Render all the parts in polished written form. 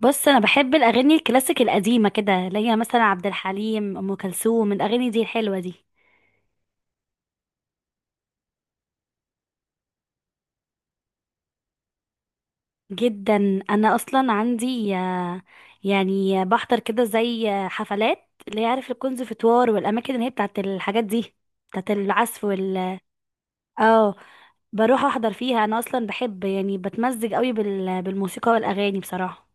بص، انا بحب الاغاني الكلاسيك القديمه كده، اللي هي مثلا عبد الحليم، ام كلثوم، الاغاني دي الحلوه دي جدا. انا اصلا عندي يعني بحضر كده زي حفلات اللي هي عارف الكونسرفتوار والاماكن اللي هي بتاعت الحاجات دي، بتاعت العزف وال اه بروح احضر فيها. انا اصلا بحب يعني بتمزج قوي بالموسيقى والاغاني بصراحه.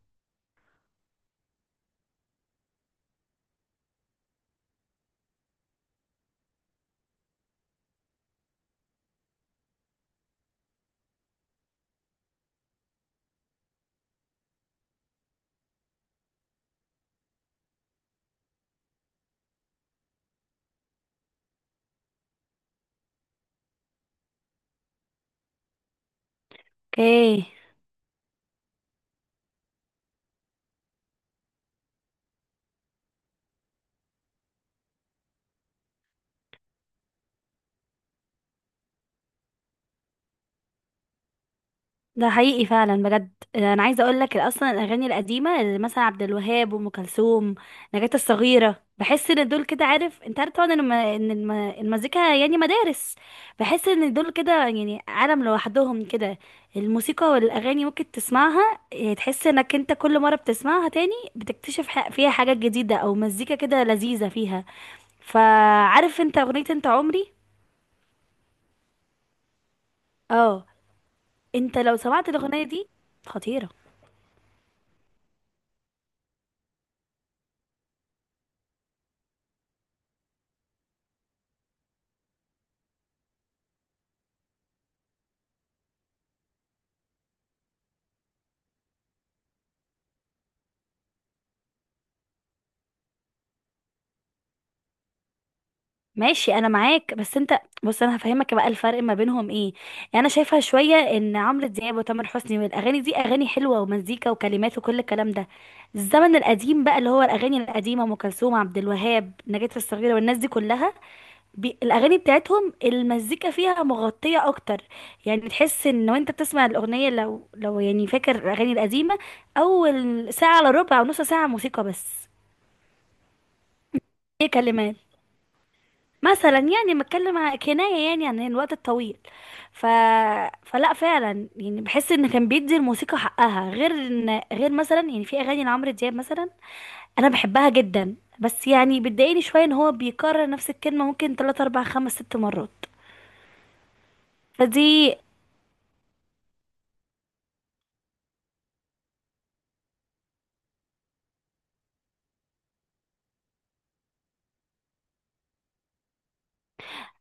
اوكي، ده حقيقي فعلا بجد. انا عايزه اقول لك، اصلا الاغاني القديمه اللي مثلا عبد الوهاب وام كلثوم، نجاة الصغيره، بحس ان دول كده عارف، انت عارف طبعا ان المزيكا يعني مدارس. بحس ان دول كده يعني عالم لوحدهم كده. الموسيقى والاغاني ممكن تسمعها تحس انك انت كل مره بتسمعها تاني بتكتشف فيها حاجات جديده، او مزيكا كده لذيذه فيها. فعارف انت اغنيه انت عمري؟ اه. انت لو سمعت الاغنيه دي، خطيره. ماشي، انا معاك، بس انت بص، انا هفهمك بقى الفرق ما بينهم ايه. يعني انا شايفه شويه ان عمرو دياب وتامر حسني والاغاني دي اغاني حلوه ومزيكا وكلمات وكل الكلام ده. الزمن القديم بقى، اللي هو الاغاني القديمه، ام كلثوم، عبد الوهاب، نجاة الصغيره، والناس دي كلها، الاغاني بتاعتهم المزيكا فيها مغطيه اكتر. يعني تحس ان وانت بتسمع الاغنيه، لو يعني فاكر الاغاني القديمه، اول ساعه الا ربع او نص ساعه موسيقى بس. ايه كلمات؟ مثلا يعني بتكلم كناية يعني عن الوقت الطويل. ف... فلا، فعلا يعني بحس ان كان بيدي الموسيقى حقها، غير ان غير مثلا يعني في اغاني لعمرو دياب مثلا انا بحبها جدا، بس يعني بتضايقني شوية ان هو بيكرر نفس الكلمة ممكن 3 4 5 6 مرات. فدي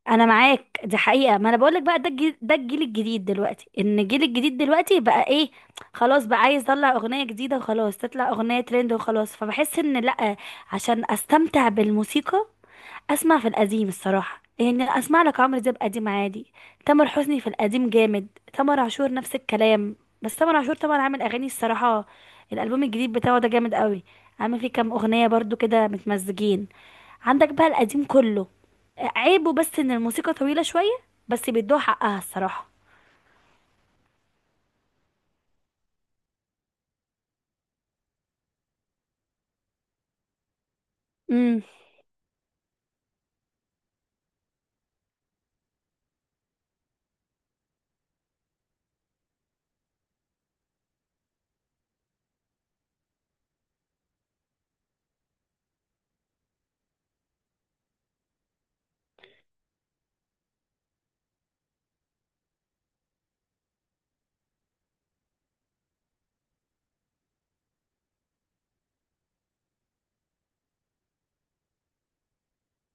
انا معاك، دي حقيقة. ما انا بقولك بقى، ده ده الجيل الجديد دلوقتي، ان الجيل الجديد دلوقتي بقى ايه، خلاص بقى عايز يطلع اغنية جديدة، وخلاص تطلع اغنية ترند وخلاص. فبحس ان لا، عشان استمتع بالموسيقى اسمع في القديم الصراحه. يعني اسمع لك عمرو دياب قديم عادي، تامر حسني في القديم جامد، تامر عاشور نفس الكلام. بس تامر عاشور طبعا عامل اغاني الصراحه، الالبوم الجديد بتاعه ده جامد قوي. عامل فيه كام اغنيه برضو كده متمزجين، عندك بقى القديم كله. عيبه بس ان الموسيقى طويله شويه، بس بيدوها حقها الصراحه.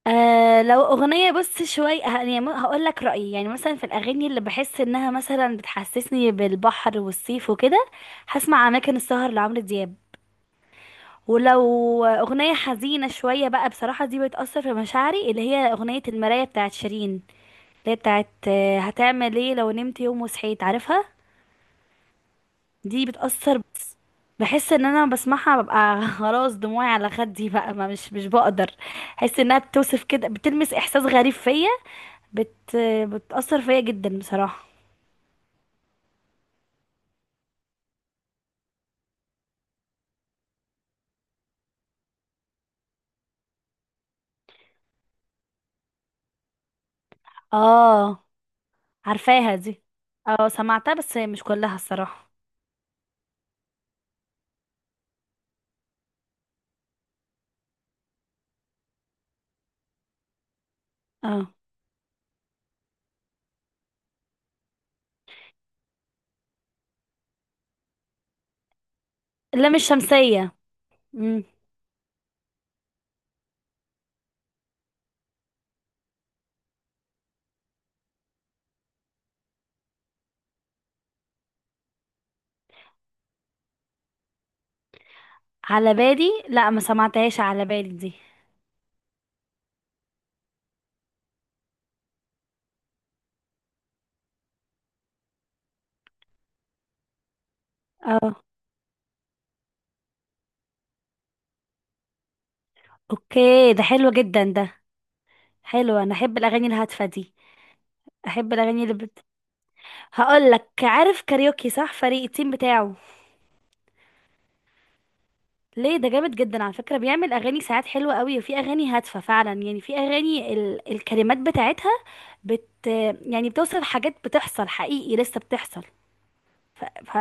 آه، لو اغنيه بص شويه يعني هقول لك رايي. يعني مثلا في الاغاني اللي بحس انها مثلا بتحسسني بالبحر والصيف وكده، هسمع اماكن السهر لعمرو دياب. ولو اغنيه حزينه شويه بقى، بصراحه دي بتاثر في مشاعري، اللي هي اغنيه المرايه بتاعت شيرين، اللي هي بتاعت هتعمل ايه لو نمت يوم وصحيت، عارفها. دي بتاثر بس. بحس ان انا بسمعها ببقى خلاص دموعي على خدي بقى، ما مش مش بقدر. احس انها بتوصف كده، بتلمس احساس غريب فيا، بت بتأثر فيا جدا بصراحة. اه، عارفاها دي. اه، سمعتها بس مش كلها الصراحة. اه، اللام الشمسية. امم. على بالي؟ لا، ما سمعتهاش على بالي دي. اه، اوكي، ده حلو جدا ده. حلو، انا احب الاغاني الهادفة دي. احب الاغاني هقول لك، عارف كاريوكي صح، فريق التيم بتاعه؟ ليه؟ ده جامد جدا على فكرة، بيعمل أغاني ساعات حلوة قوي، وفي أغاني هادفة فعلا. يعني في أغاني الكلمات بتاعتها بت يعني بتوصف حاجات بتحصل حقيقي، لسه بتحصل. ف... ف...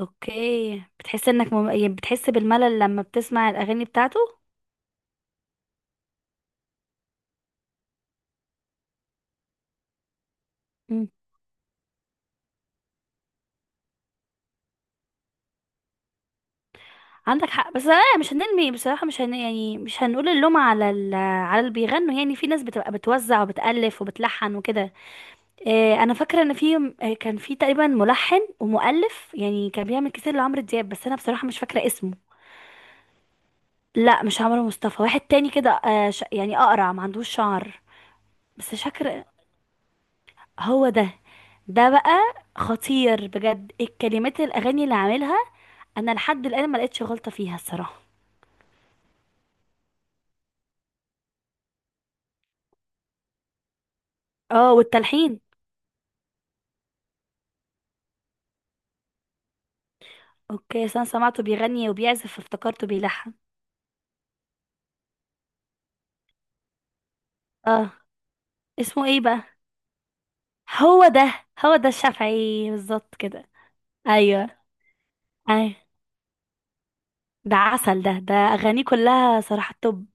أوكي. بتحس إنك يعني بتحس بالملل لما بتسمع الأغاني بتاعته. مم. عندك حق. بس لا، مش هنرمي بصراحة، مش هن... يعني مش هنقول اللوم على على اللي بيغنوا. يعني في ناس بتبقى بتوزع وبتألف وبتلحن وكده. انا فاكره ان في، كان في تقريبا ملحن ومؤلف يعني كان بيعمل كتير لعمرو دياب، بس انا بصراحه مش فاكره اسمه. لا، مش عمرو مصطفى، واحد تاني كده، يعني اقرع ما عندوش شعر. بس مش فاكره. هو ده. ده بقى خطير بجد، الكلمات الاغاني اللي عاملها، انا لحد الان ما لقيتش غلطه فيها الصراحه. اه، والتلحين. اوكي، أصل انا سمعته بيغني وبيعزف افتكرته بيلحن. اه، اسمه ايه بقى؟ هو ده، هو ده الشافعي بالظبط كده. ايوه. ايوه. ده عسل ده اغانيه كلها صراحة توب.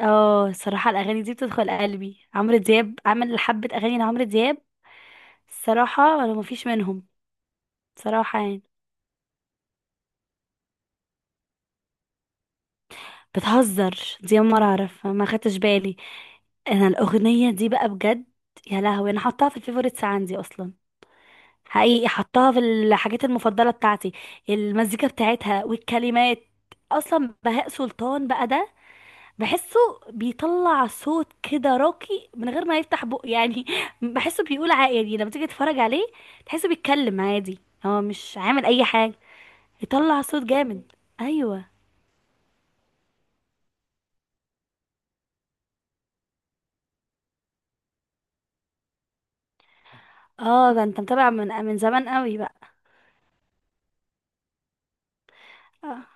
اه. الصراحة الاغاني دي بتدخل قلبي. عمرو دياب عمل حبة اغاني لعمرو دياب، الصراحة انا مفيش منهم صراحة يعني. بتهزر؟ دي اول مرة اعرف، ما خدتش بالي. انا الاغنية دي بقى بجد، يا لهوي، انا حطاها في الفيفوريتس عندي اصلا. حقيقي حطاها في الحاجات المفضلة بتاعتي، المزيكا بتاعتها والكلمات. اصلا بهاء سلطان بقى ده، بحسه بيطلع صوت كده راقي من غير ما يفتح بقه يعني بحسه بيقول عادي. لما تيجي تتفرج عليه تحسه بيتكلم عادي، هو مش عامل اي حاجة، يطلع صوت جامد. ايوه. اه، ده انت متابع من زمان قوي بقى. آه.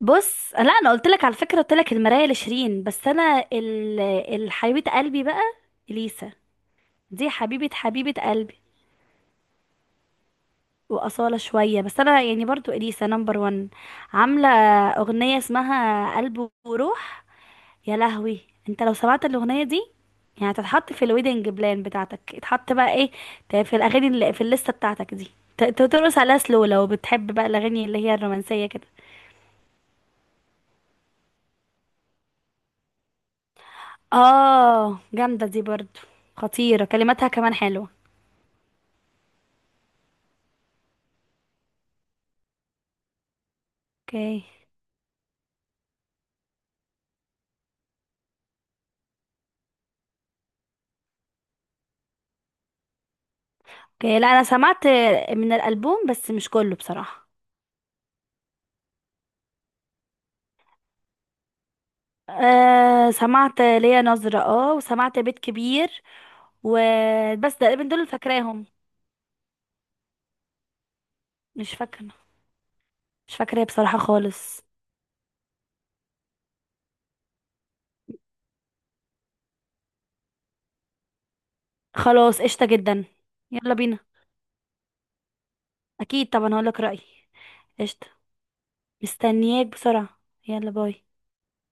بص، لا، انا قلت لك على فكرة، قلت لك المراية لشيرين، بس انا الحبيبة قلبي بقى، اليسا، دي حبيبة قلبي. وأصالة شوية، بس أنا يعني برضو إليسا نمبر ون. عاملة أغنية اسمها قلب وروح، يا لهوي، انت لو سمعت الاغنيه دي، يعني هتتحط في الويدنج بلان بتاعتك. اتحط بقى ايه، في الاغاني اللي في الليسته بتاعتك دي، ترقص عليها سلو، لو بتحب بقى الاغاني اللي هي الرومانسيه كده. اه، جامده دي برضو، خطيره، كلماتها كمان حلوه. اوكي اوكي. لا، انا سمعت من الالبوم بس مش كله بصراحه. آه، سمعت ليا نظره، اه، وسمعت بيت كبير، وبس تقريبا دول اللي فاكراهم. مش فاكره مش فاكره بصراحه خالص. خلاص، قشطة جدا. يلا بينا. اكيد طبعا هقولك رأيي. قشطة، مستنياك بسرعة. يلا، باي.